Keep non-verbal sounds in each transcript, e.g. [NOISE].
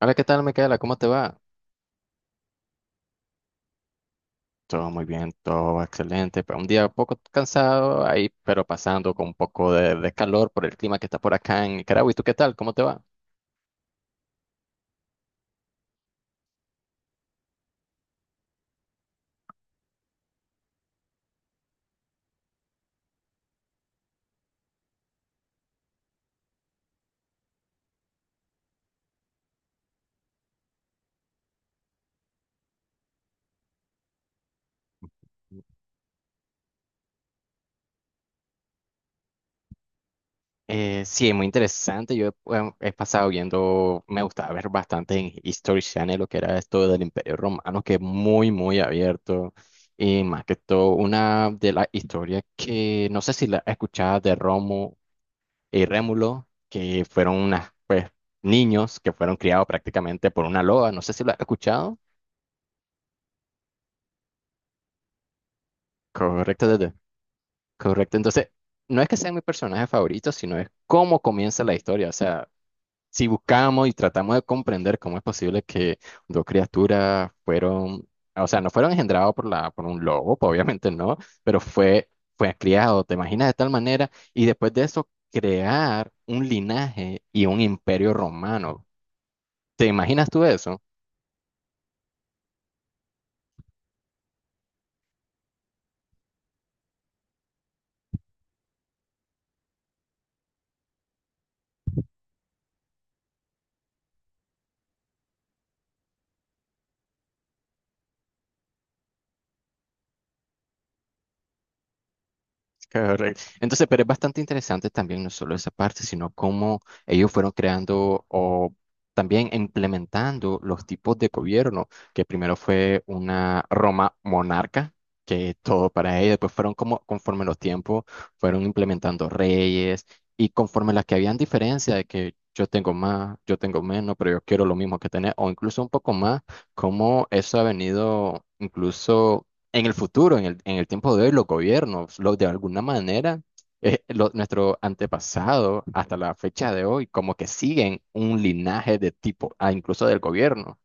Hola, ¿qué tal, Micaela? ¿Cómo te va? Todo muy bien, todo excelente. Pero Un día un poco cansado ahí, pero pasando con un poco de calor por el clima que está por acá en Nicaragua. ¿Y tú qué tal? ¿Cómo te va? Sí, muy interesante. Yo he pasado viendo, me gustaba ver bastante en History Channel lo que era esto del Imperio Romano, que es muy, muy abierto. Y más que todo, una de las historias que no sé si la escuchabas de Romo y Rémulo, que fueron unas, pues, niños que fueron criados prácticamente por una loba. No sé si lo has escuchado. Correcto, Tete. Correcto. Entonces, no es que sean mis personajes favoritos, sino es cómo comienza la historia. O sea, si buscamos y tratamos de comprender cómo es posible que dos criaturas fueron, o sea, no fueron engendrados por por un lobo, pues, obviamente no, pero fue, fue criado, te imaginas de tal manera, y después de eso crear un linaje y un imperio romano. ¿Te imaginas tú eso? [LAUGHS] Correcto. Entonces, pero es bastante interesante también no solo esa parte, sino cómo ellos fueron creando o también implementando los tipos de gobierno, que primero fue una Roma monarca, que todo para ella, después fueron como conforme los tiempos, fueron implementando reyes y conforme las que habían diferencia de que yo tengo más, yo tengo menos, pero yo quiero lo mismo que tener, o incluso un poco más, cómo eso ha venido incluso en el futuro, en el tiempo de hoy, los gobiernos, los de alguna manera, nuestro antepasado hasta la fecha de hoy, como que siguen un linaje de tipo, ah, incluso del gobierno.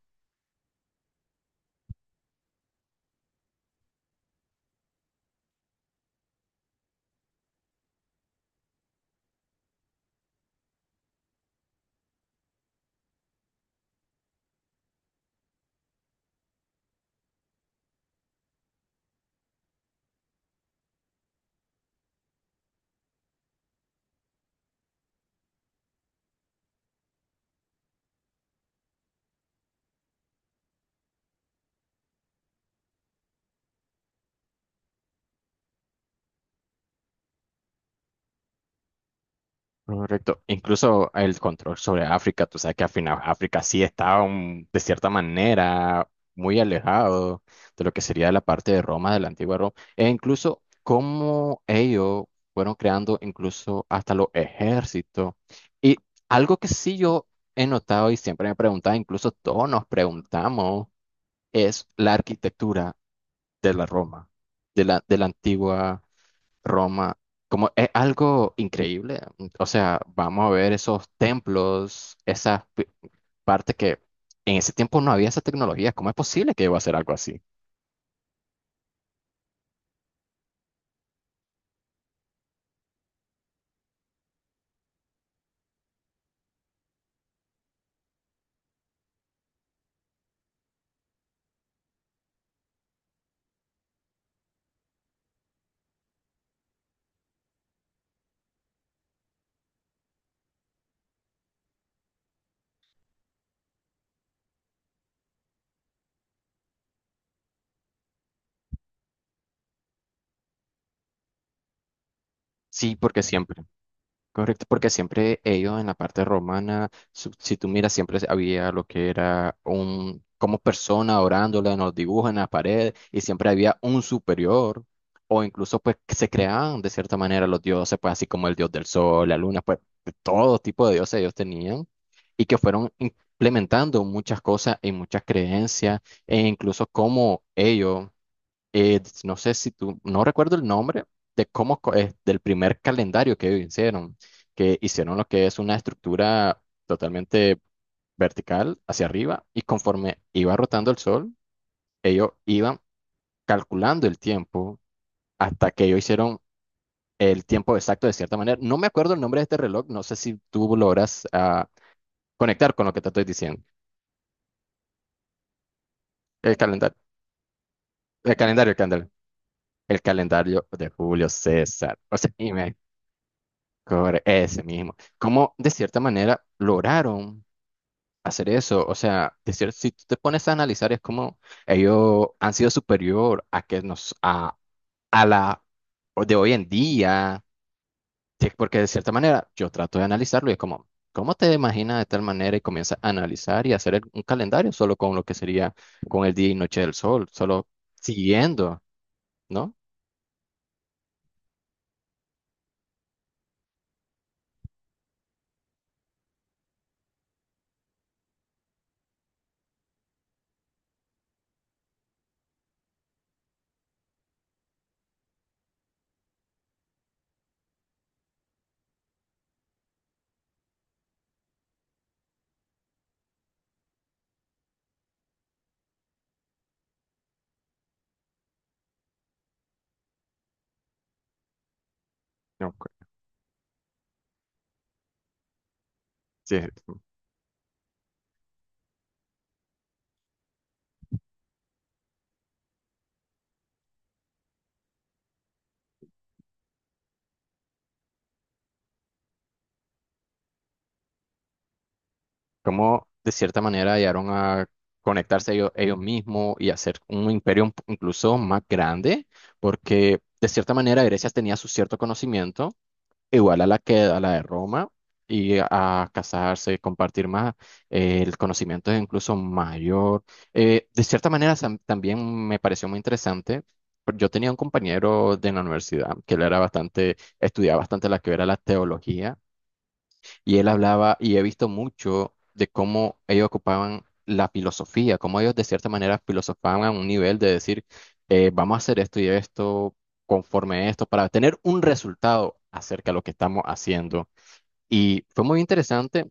Correcto. Incluso el control sobre África, tú sabes que al final África sí estaba un- de cierta manera muy alejado de lo que sería la parte de Roma, de la antigua Roma, e incluso cómo ellos fueron creando incluso hasta los ejércitos. Y algo que sí yo he notado y siempre me preguntaba, incluso todos nos preguntamos, es la arquitectura de la Roma, de de la antigua. Roma, como es algo increíble. O sea, vamos a ver esos templos, esas partes que en ese tiempo no había esa tecnología. ¿Cómo es posible que iba a hacer algo así? Sí, porque siempre. Correcto, porque siempre ellos en la parte romana, su- si tú miras, siempre había lo que era un, como persona orándola, nos dibujan en la pared, y siempre había un superior, o incluso pues que se creaban de cierta manera los dioses, pues así como el dios del sol, la luna, pues de todo tipo de dioses ellos tenían, y que fueron implementando muchas cosas y muchas creencias, e incluso como ellos no sé si tú, no recuerdo el nombre de cómo del primer calendario que hicieron lo que es una estructura totalmente vertical hacia arriba y conforme iba rotando el sol, ellos iban calculando el tiempo hasta que ellos hicieron el tiempo exacto de cierta manera. No me acuerdo el nombre de este reloj, no sé si tú logras ah, conectar con lo que te estoy diciendo. El calendario, el calendario. El calendario de Julio César. O sea, Corre- Ese mismo. ¿Cómo de cierta manera lograron hacer eso? O sea, de cier- si tú te pones a analizar, es como ellos han sido superior a que nos a la o de hoy en día, Sí, porque de cierta manera yo trato de analizarlo y es como, ¿cómo te imaginas de tal manera y comienza a analizar y hacer el- un calendario solo con lo que sería con el día y noche del sol, solo siguiendo, ¿no? No, Sí. cómo de cierta manera llegaron a conectarse ellos, ellos mismos y hacer un imperio un- incluso más grande, porque de cierta manera Grecia tenía su cierto conocimiento, igual a la que a la de Roma, y a casarse, compartir más, el conocimiento es incluso mayor. De cierta manera sam- también me pareció muy interesante. Yo tenía un compañero de la universidad que él era bastante, estudiaba bastante la que era la teología. Y él hablaba, y he visto mucho de cómo ellos ocupaban la filosofía, cómo ellos de cierta manera filosofaban a un nivel de decir, vamos a hacer esto y esto, conforme a esto, para tener un resultado acerca de lo que estamos haciendo. Y fue muy interesante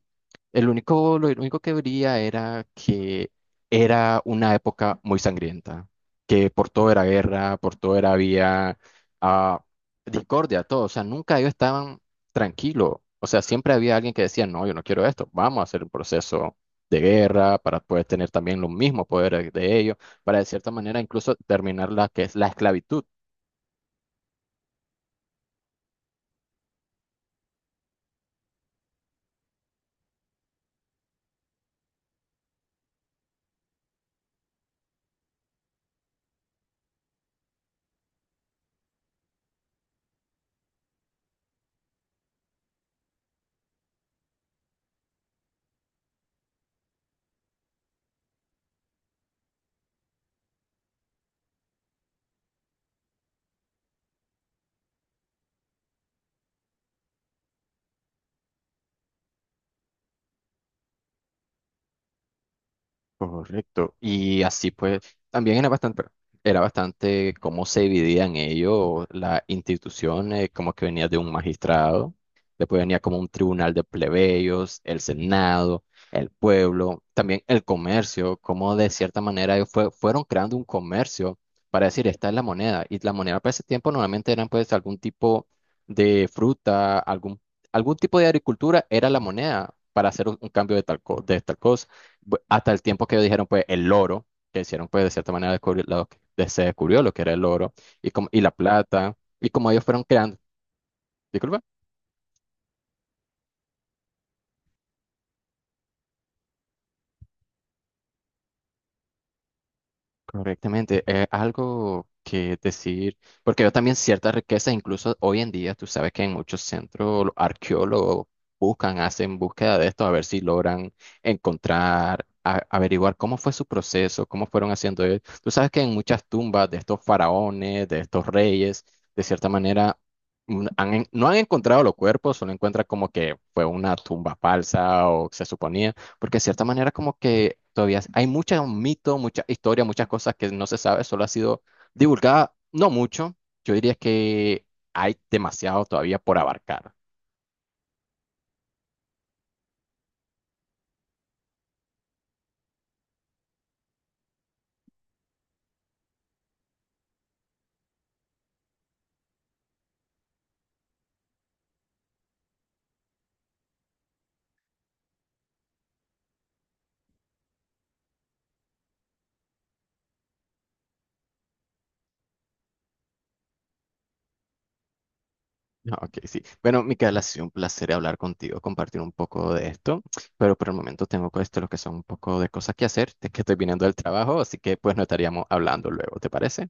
el único, lo único que vería era que era una época muy sangrienta, que por todo era guerra, por todo era había ah, discordia, todo. O sea, nunca ellos estaban tranquilos. O sea, siempre había alguien que decía, no, yo no quiero esto, vamos a hacer un proceso de guerra para poder tener también los mismos poderes de ellos, para de cierta manera incluso terminar la que es la esclavitud. Correcto. Y así pues, también era bastante cómo se dividían ellos las instituciones, como que venía de un magistrado, después venía como un tribunal de plebeyos, el senado, el pueblo, también el comercio, como de cierta manera ellos fue- fueron creando un comercio para decir, esta es la moneda. Y la moneda para ese tiempo normalmente eran pues algún tipo de fruta, algún, algún tipo de agricultura era la moneda para hacer un cambio de tal, co- de tal cosa bu- hasta el tiempo que ellos dijeron, pues, el oro, que hicieron, pues, de cierta manera descubrir, lo que- de- se descubrió lo que era el oro y, como, y la plata, y como ellos fueron creando, disculpa. Correctamente, es algo que decir, porque yo también ciertas riquezas, incluso hoy en día, tú sabes que en muchos centros los arqueólogos buscan, hacen búsqueda de esto, a ver si logran encontrar, a- averiguar cómo fue su proceso, cómo fueron haciendo él. Tú sabes que en muchas tumbas de estos faraones, de estos reyes, de cierta manera, han en- no han encontrado los cuerpos, solo encuentran como que fue una tumba falsa o se suponía porque de cierta manera como que todavía hay muchos mitos, mucha historia, muchas cosas que no se sabe, solo ha sido divulgada, no mucho. Yo diría que hay demasiado todavía por abarcar. Ah, Ok, sí. Bueno, Micaela, ha sido un placer hablar contigo, compartir un poco de esto, pero por el momento tengo co- esto, lo que son un poco de cosas que hacer, de que estoy viniendo del trabajo, así que pues no estaríamos hablando luego, ¿te parece?